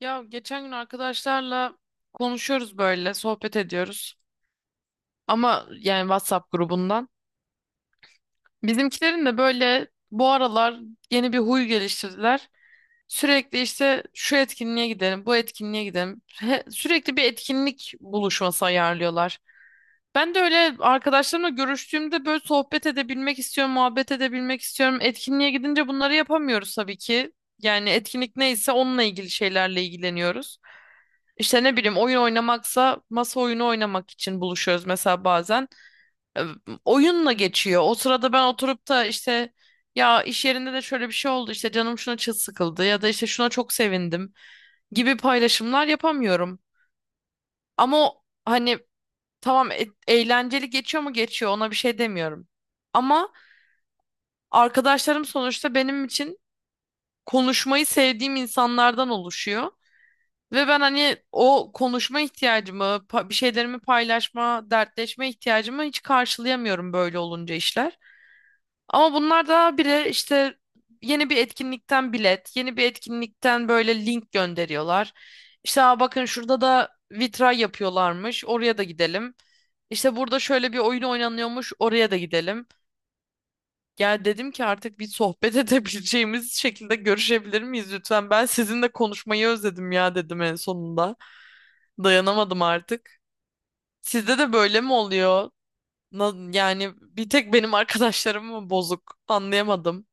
Ya geçen gün arkadaşlarla konuşuyoruz böyle, sohbet ediyoruz. Ama yani WhatsApp grubundan. Bizimkilerin de böyle bu aralar yeni bir huy geliştirdiler. Sürekli işte şu etkinliğe gidelim, bu etkinliğe gidelim. Sürekli bir etkinlik buluşması ayarlıyorlar. Ben de öyle arkadaşlarımla görüştüğümde böyle sohbet edebilmek istiyorum, muhabbet edebilmek istiyorum. Etkinliğe gidince bunları yapamıyoruz tabii ki. Yani etkinlik neyse onunla ilgili şeylerle ilgileniyoruz. İşte ne bileyim oyun oynamaksa masa oyunu oynamak için buluşuyoruz mesela bazen. E, Oyunla geçiyor. O sırada ben oturup da işte ya iş yerinde de şöyle bir şey oldu işte canım şuna çok sıkıldı ya da işte şuna çok sevindim gibi paylaşımlar yapamıyorum. Ama o, hani tamam eğlenceli geçiyor mu geçiyor, ona bir şey demiyorum. Ama arkadaşlarım sonuçta benim için konuşmayı sevdiğim insanlardan oluşuyor. Ve ben hani o konuşma ihtiyacımı, bir şeylerimi paylaşma, dertleşme ihtiyacımı hiç karşılayamıyorum böyle olunca işler. Ama bunlar da bile işte yeni bir etkinlikten bilet, yeni bir etkinlikten böyle link gönderiyorlar. İşte "Aa, bakın şurada da vitray yapıyorlarmış, oraya da gidelim. İşte burada şöyle bir oyun oynanıyormuş, oraya da gidelim." Ya dedim ki artık bir sohbet edebileceğimiz şekilde görüşebilir miyiz lütfen? Ben sizinle konuşmayı özledim ya dedim en sonunda. Dayanamadım artık. Sizde de böyle mi oluyor? Yani bir tek benim arkadaşlarım mı bozuk? Anlayamadım.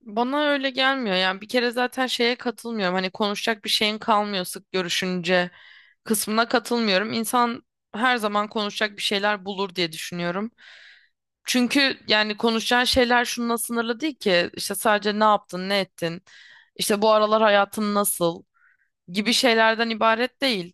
Bana öyle gelmiyor. Yani bir kere zaten şeye katılmıyorum. Hani konuşacak bir şeyin kalmıyor sık görüşünce kısmına katılmıyorum. İnsan her zaman konuşacak bir şeyler bulur diye düşünüyorum. Çünkü yani konuşacağın şeyler şununla sınırlı değil ki. İşte sadece ne yaptın, ne ettin, işte bu aralar hayatın nasıl gibi şeylerden ibaret değil.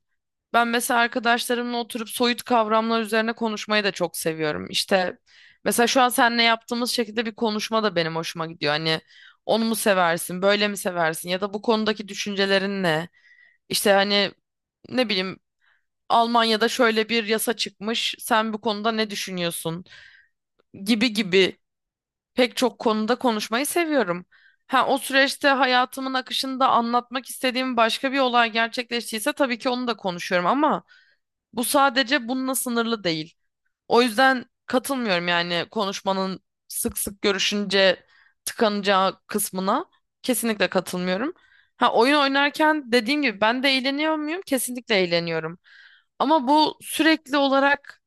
Ben mesela arkadaşlarımla oturup soyut kavramlar üzerine konuşmayı da çok seviyorum. İşte mesela şu an seninle yaptığımız şekilde bir konuşma da benim hoşuma gidiyor. Hani onu mu seversin, böyle mi seversin ya da bu konudaki düşüncelerin ne? İşte hani ne bileyim Almanya'da şöyle bir yasa çıkmış, sen bu konuda ne düşünüyorsun gibi gibi. Pek çok konuda konuşmayı seviyorum. Ha, o süreçte hayatımın akışında anlatmak istediğim başka bir olay gerçekleştiyse tabii ki onu da konuşuyorum ama bu sadece bununla sınırlı değil. O yüzden katılmıyorum yani konuşmanın sık sık görüşünce tıkanacağı kısmına kesinlikle katılmıyorum. Ha, oyun oynarken dediğim gibi ben de eğleniyor muyum? Kesinlikle eğleniyorum. Ama bu sürekli olarak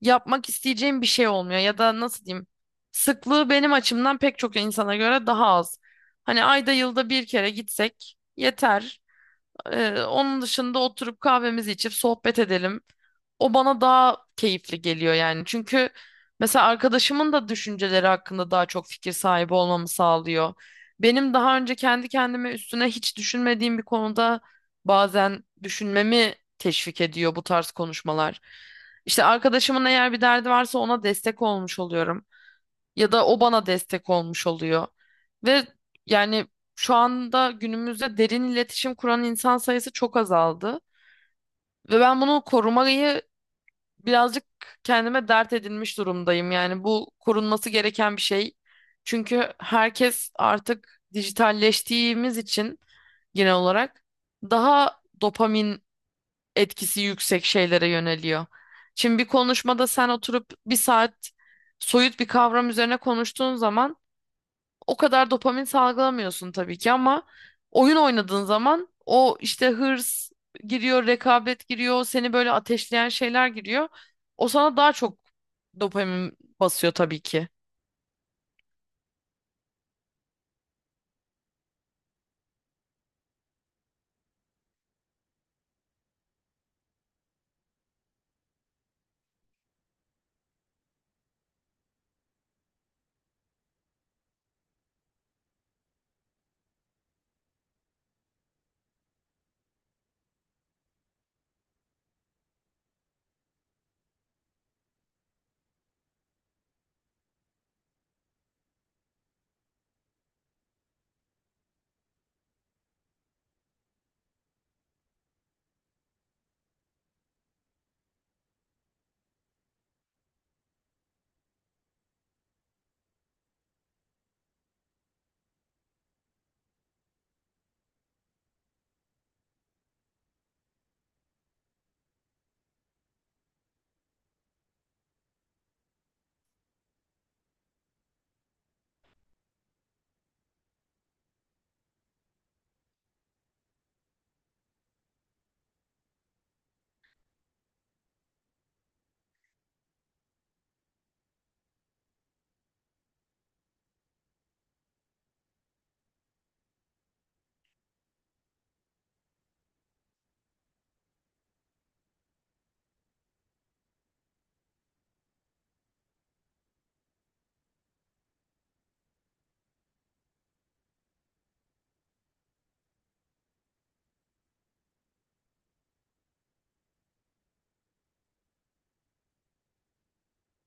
yapmak isteyeceğim bir şey olmuyor ya da nasıl diyeyim? Sıklığı benim açımdan pek çok insana göre daha az. Hani ayda yılda bir kere gitsek yeter. Onun dışında oturup kahvemizi içip sohbet edelim. O bana daha keyifli geliyor yani. Çünkü mesela arkadaşımın da düşünceleri hakkında daha çok fikir sahibi olmamı sağlıyor. Benim daha önce kendi kendime üstüne hiç düşünmediğim bir konuda bazen düşünmemi teşvik ediyor bu tarz konuşmalar. İşte arkadaşımın eğer bir derdi varsa ona destek olmuş oluyorum ya da o bana destek olmuş oluyor. Ve yani şu anda günümüzde derin iletişim kuran insan sayısı çok azaldı ve ben bunu korumayı birazcık kendime dert edinmiş durumdayım. Yani bu korunması gereken bir şey. Çünkü herkes artık dijitalleştiğimiz için genel olarak daha dopamin etkisi yüksek şeylere yöneliyor. Şimdi bir konuşmada sen oturup bir saat soyut bir kavram üzerine konuştuğun zaman o kadar dopamin salgılamıyorsun tabii ki ama oyun oynadığın zaman o işte hırs giriyor, rekabet giriyor, seni böyle ateşleyen şeyler giriyor. O sana daha çok dopamin basıyor tabii ki.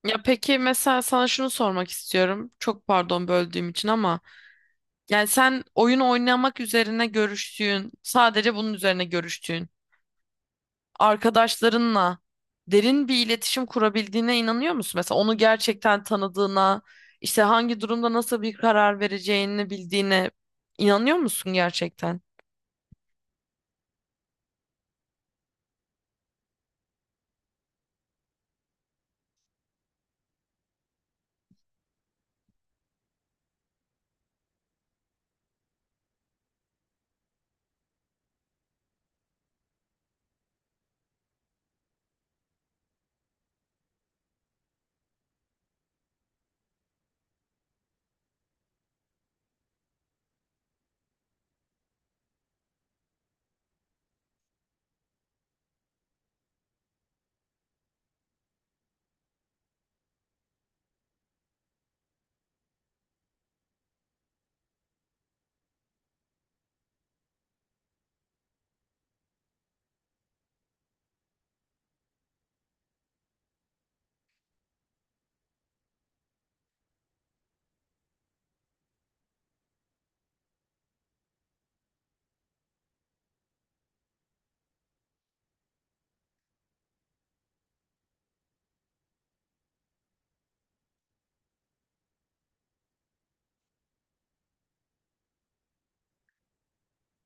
Ya peki mesela sana şunu sormak istiyorum. Çok pardon böldüğüm için ama yani sen oyun oynamak üzerine görüştüğün, sadece bunun üzerine görüştüğün arkadaşlarınla derin bir iletişim kurabildiğine inanıyor musun? Mesela onu gerçekten tanıdığına, işte hangi durumda nasıl bir karar vereceğini bildiğine inanıyor musun gerçekten?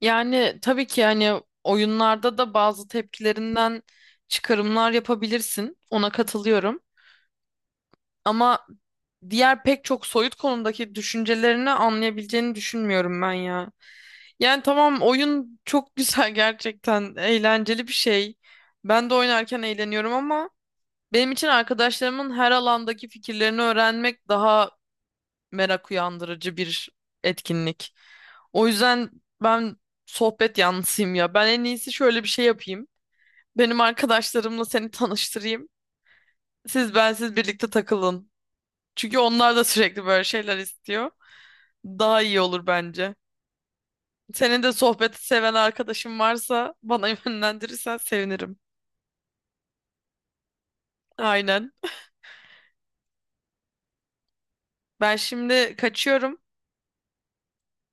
Yani tabii ki hani oyunlarda da bazı tepkilerinden çıkarımlar yapabilirsin. Ona katılıyorum. Ama diğer pek çok soyut konudaki düşüncelerini anlayabileceğini düşünmüyorum ben ya. Yani tamam, oyun çok güzel, gerçekten eğlenceli bir şey. Ben de oynarken eğleniyorum ama benim için arkadaşlarımın her alandaki fikirlerini öğrenmek daha merak uyandırıcı bir etkinlik. O yüzden ben sohbet yanlısıyım ya. Ben en iyisi şöyle bir şey yapayım. Benim arkadaşlarımla seni tanıştırayım. Siz bensiz birlikte takılın. Çünkü onlar da sürekli böyle şeyler istiyor. Daha iyi olur bence. Senin de sohbeti seven arkadaşın varsa bana yönlendirirsen sevinirim. Aynen. Ben şimdi kaçıyorum.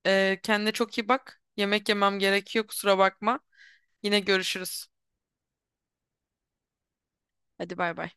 Kendine çok iyi bak. Yemek yemem gerekiyor, kusura bakma. Yine görüşürüz. Hadi bay bay.